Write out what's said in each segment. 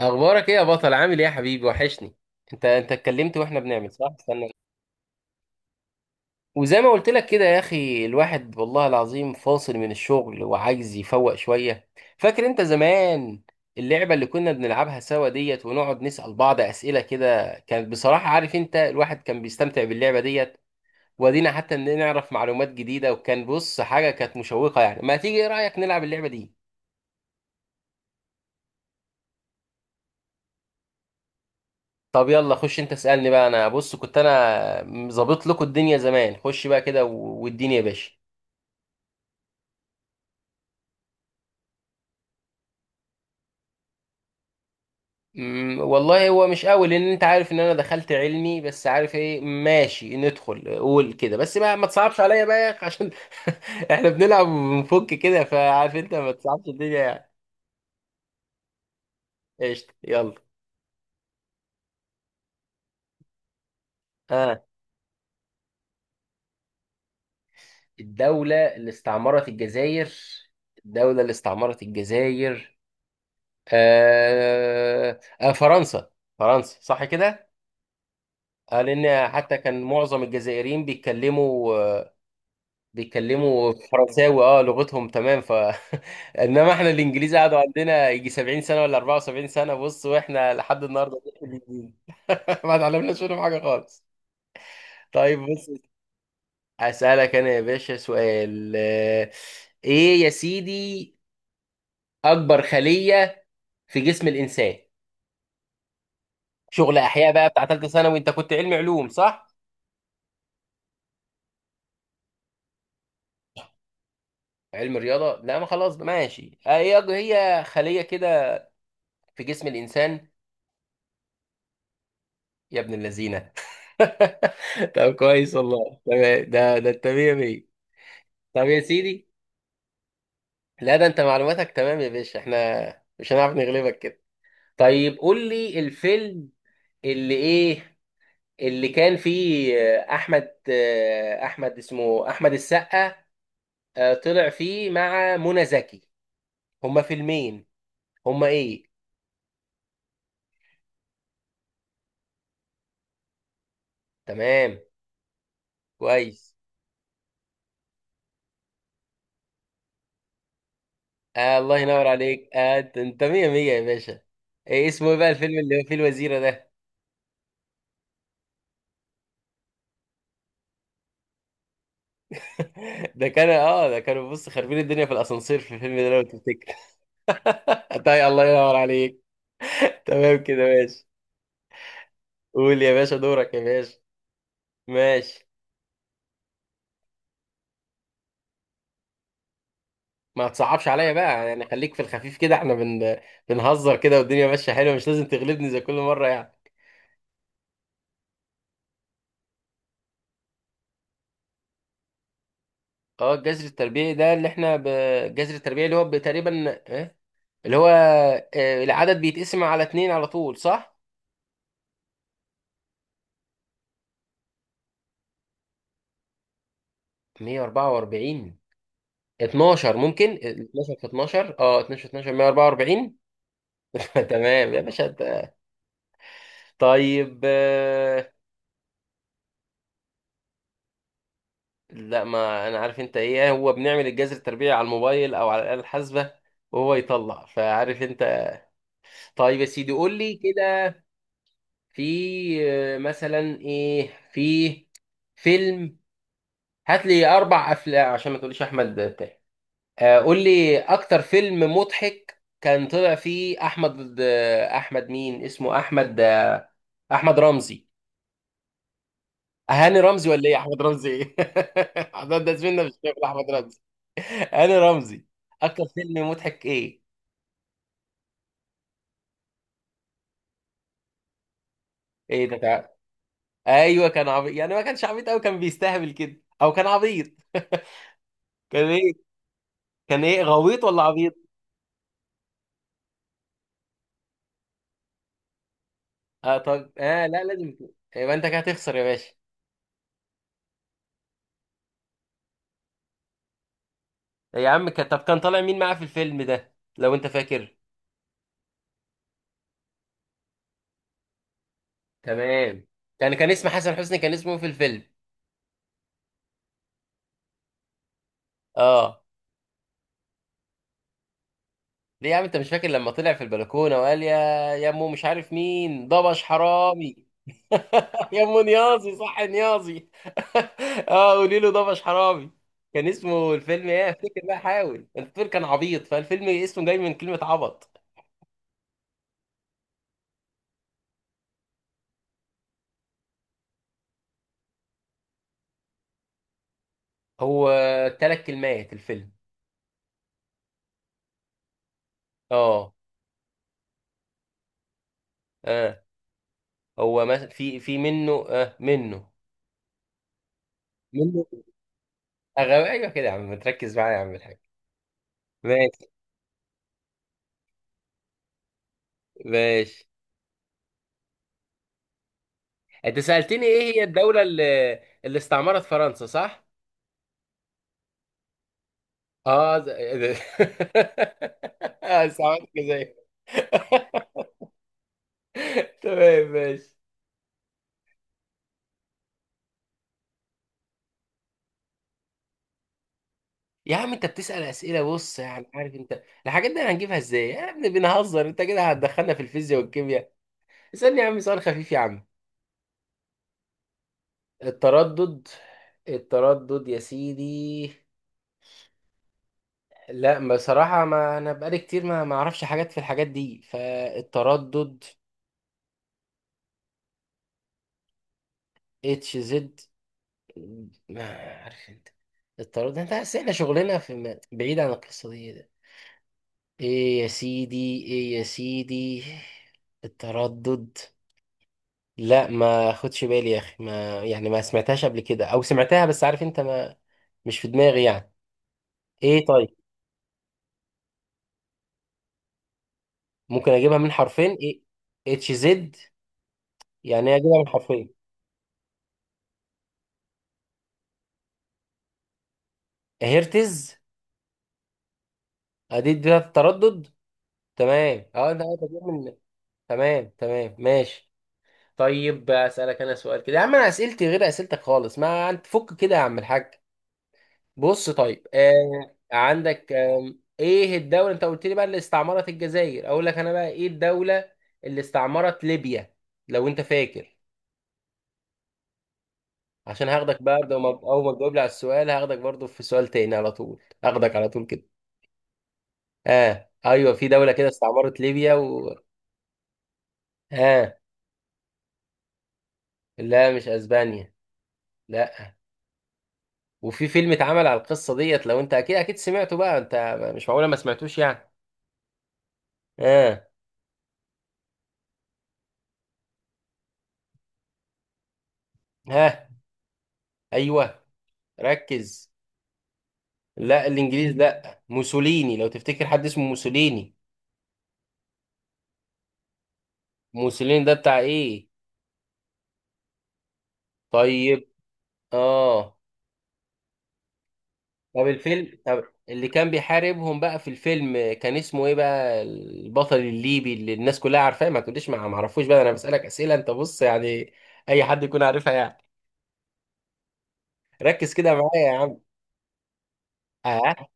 اخبارك ايه يا بطل؟ عامل ايه يا حبيبي، وحشني. انت اتكلمت واحنا بنعمل؟ صح، استنى. وزي ما قلت لك كده يا اخي، الواحد والله العظيم فاصل من الشغل وعايز يفوق شويه. فاكر انت زمان اللعبه اللي كنا بنلعبها سوا ديت؟ ونقعد نسأل بعض اسئله كده، كانت بصراحه عارف انت الواحد كان بيستمتع باللعبه ديت. ودينا حتى ان نعرف معلومات جديده، وكان بص حاجه كانت مشوقه، يعني ما تيجي ايه رايك نلعب اللعبه دي؟ طب يلا خش، انت اسألني بقى. انا بص كنت انا ظابط لكم الدنيا زمان، خش بقى كده والدنيا يا باشا. والله هو مش قوي، لان انت عارف ان انا دخلت علمي. بس عارف ايه، ماشي ندخل، قول كده بس بقى، ما تصعبش عليا بقى يا اخي عشان احنا بنلعب وبنفك كده، فعارف انت ما تصعبش الدنيا يعني. قشطة، يلا. اه، الدولة اللي استعمرت الجزائر. الدولة اللي استعمرت الجزائر. فرنسا. فرنسا، صح كده. اه لان حتى كان معظم الجزائريين بيتكلموا فرنساوي، اه لغتهم، تمام. انما احنا الانجليز قعدوا عندنا يجي 70 سنه ولا 74 سنه، بص، واحنا لحد النهارده بنحكي بالإنجليزي. ما اتعلمناش منهم حاجه خالص. طيب بص، اسالك انا يا باشا سؤال. ايه يا سيدي؟ اكبر خليه في جسم الانسان. شغل احياء بقى بتاع ثالثه ثانوي. انت كنت علمي علوم صح؟ علم رياضه؟ لا، ما خلاص ماشي. هي خليه كده في جسم الإنسان. يا ابن اللذينة! طب كويس والله، تمام. ده انت مية مية. طب يا سيدي، لا ده انت معلوماتك تمام يا باشا، احنا مش هنعرف نغلبك كده. طيب قول لي الفيلم اللي ايه، اللي كان فيه احمد اسمه احمد السقا. طلع فيه مع منى زكي. هما فيلمين. هما ايه؟ تمام، كويس. الله ينور عليك. انت مية مية يا باشا. ايه اسمه، ايه بقى الفيلم اللي هو فيه الوزيرة ده؟ ده كانوا بص خاربين الدنيا في الاسانسير في الفيلم ده لو تفتكر. طيب، الله ينور عليك. تمام كده، ماشي. قول يا باشا دورك يا باشا. ماشي. ما تصعبش عليا بقى، يعني خليك في الخفيف كده. احنا بنهزر كده، والدنيا ماشية حلوة، مش لازم تغلبني زي كل مرة يعني. اه، الجذر التربيعي ده اللي احنا الجذر التربيعي اللي هو تقريبا إيه؟ اللي هو العدد بيتقسم على اتنين على طول صح؟ 144. 12، ممكن 12 في 12. اه، 12 في 12، 144. تمام يا باشا انت. طيب لا، ما انا عارف انت ايه، هو بنعمل الجذر التربيعي على الموبايل او على الآلة الحاسبة وهو يطلع، فعارف انت. طيب يا سيدي قول لي كده. في مثلا ايه، في فيلم، هات لي اربع افلام عشان ما تقوليش احمد بتاع. قول لي اكتر فيلم مضحك كان طلع فيه احمد مين اسمه احمد، احمد رمزي. هاني رمزي ولا ايه، احمد رمزي ايه؟ ده زميلنا في الشغل احمد رمزي. هاني رمزي. اكتر فيلم مضحك ايه؟ ايه ده، تعال. ايوه كان عبيط، يعني ما كانش عبيط قوي، كان بيستهبل كده، او كان عبيط. كان ايه؟ كان ايه، غويط ولا عبيط؟ اه طب، لا لازم يكون. يبقى انت كده هتخسر يا باشا. يا عم طب كان طالع مين معاه في الفيلم ده لو انت فاكر؟ تمام. كان اسم حسن حسني، كان اسمه في الفيلم اه؟ ليه يا عم انت مش فاكر لما طلع في البلكونه وقال يا امه مش عارف مين ضبش حرامي. يا امه نيازي، صح، نيازي. اه، قولي له ضبش حرامي. كان اسمه الفيلم ايه؟ افتكر بقى، حاول، انت بتقول كان عبيط، فالفيلم اسمه جاي من كلمه عبط. هو ثلاث كلمات الفيلم. اه اه هو في منه، منه. منه أغاوي. ايوه كده يا عم، تركز معايا يا عم الحاج. ماشي. ماشي، انت سألتني ايه هي الدولة اللي استعمرت فرنسا صح؟ اه ز- استعمرت الجزائر. تمام ماشي. يا عم انت بتسأل اسئلة، بص يعني عارف انت الحاجات دي هنجيبها ازاي؟ يا ابني بنهزر، انت كده هتدخلنا في الفيزياء والكيمياء. اسألني يا عم سؤال خفيف يا عم. التردد التردد يا سيدي، لا بصراحة ما انا بقالي كتير ما اعرفش حاجات في الحاجات دي. فالتردد اتش زد. ما عارف انت، الطرد ده، انت عارف احنا شغلنا في بعيد عن القصة دي ده. ايه يا سيدي، ايه يا سيدي؟ التردد، لا ما خدش بالي يا اخي ما، يعني ما سمعتهاش قبل كده او سمعتها، بس عارف انت ما، مش في دماغي يعني. ايه طيب؟ ممكن اجيبها من حرفين ايه؟ اتش زد. يعني ايه اجيبها من حرفين؟ هرتز. ادي ده التردد. تمام اه، انت عايز اجيب من، تمام تمام ماشي. طيب اسالك انا سؤال كده يا عم. انا اسئلتي غير اسئلتك خالص، ما انت فك كده يا عم الحاج. بص طيب، عندك ايه الدوله انت قلت لي بقى اللي استعمرت الجزائر؟ اقول لك انا بقى ايه الدوله اللي استعمرت ليبيا لو انت فاكر؟ عشان هاخدك بقى، لو ما اول ما تجاوب لي على السؤال هاخدك برضو في سؤال تاني على طول، هاخدك على طول كده. اه ايوه، في دوله كده استعمرت ليبيا و، اه لا مش اسبانيا، لا. وفي فيلم اتعمل على القصة ديت، لو انت اكيد اكيد سمعته بقى انت، مش معقولة ما سمعتوش يعني. اه. ها، ايوه، ركز. لا، الانجليز؟ لا، موسوليني، لو تفتكر حد اسمه موسوليني. موسوليني ده بتاع ايه؟ طيب. اه طب الفيلم، طب اللي كان بيحاربهم بقى في الفيلم كان اسمه ايه بقى، البطل الليبي اللي الناس كلها عارفاه؟ ما تقوليش ما اعرفوش بقى، انا بسألك اسئلة انت، بص يعني اي حد يكون عارفها يعني. ركز كده معايا يا عم.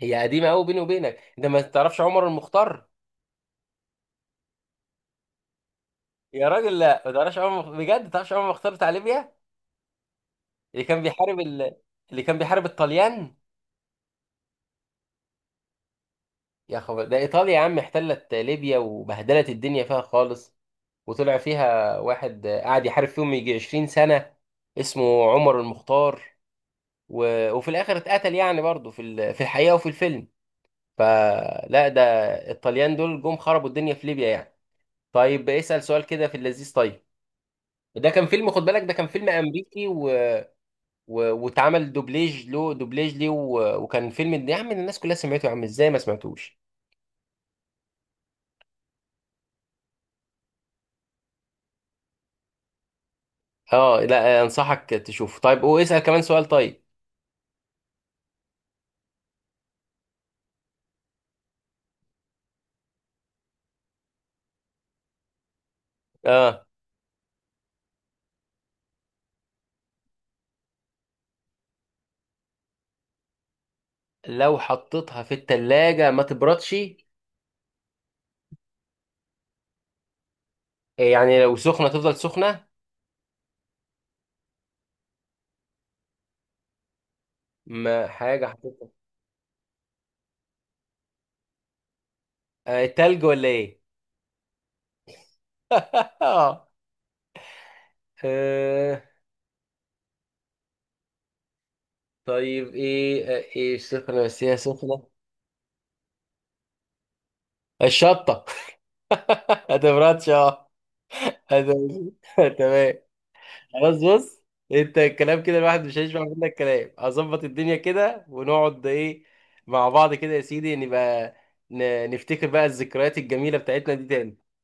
هي قديمه قوي، بيني وبينك انت ما تعرفش عمر المختار؟ يا راجل، لا ما تعرفش عمر المخ- بجد ما تعرفش عمر المختار بتاع ليبيا، اللي كان بيحارب اللي كان بيحارب الطليان؟ يا خبر، ده ايطاليا يا عم احتلت ليبيا وبهدلت الدنيا فيها خالص، وطلع فيها واحد قعد يحارب فيهم يجي 20 سنه اسمه عمر المختار، وفي الاخر اتقتل، يعني برضه في في الحقيقه وفي الفيلم. فلا، ده الطليان دول جم خربوا الدنيا في ليبيا يعني. طيب اسأل سؤال كده في اللذيذ طيب. ده كان فيلم، خد بالك، ده كان فيلم امريكي و... واتعمل دوبليج له، دوبليج ليه، وكان فيلم يا عم الناس كلها سمعته، يا عم ازاي ما سمعتوش؟ اه، لا انصحك تشوفه. طيب، واسأل كمان سؤال. طيب اه، لو حطيتها في التلاجة ما تبردش؟ يعني لو سخنة تفضل سخنة؟ ما حاجة حطيتها. تلج ولا ايه؟ آه طيب ايه ايه، سخنة بس هي سخنة؟ الشطة! ما تبردش اه. هذا- تمام. خلاص بص، انت الكلام كده الواحد مش هيشبع منك كلام. هظبط الدنيا كده، ونقعد ايه مع بعض كده يا سيدي، نبقى نفتكر بقى الذكريات الجميلة بتاعتنا دي تاني.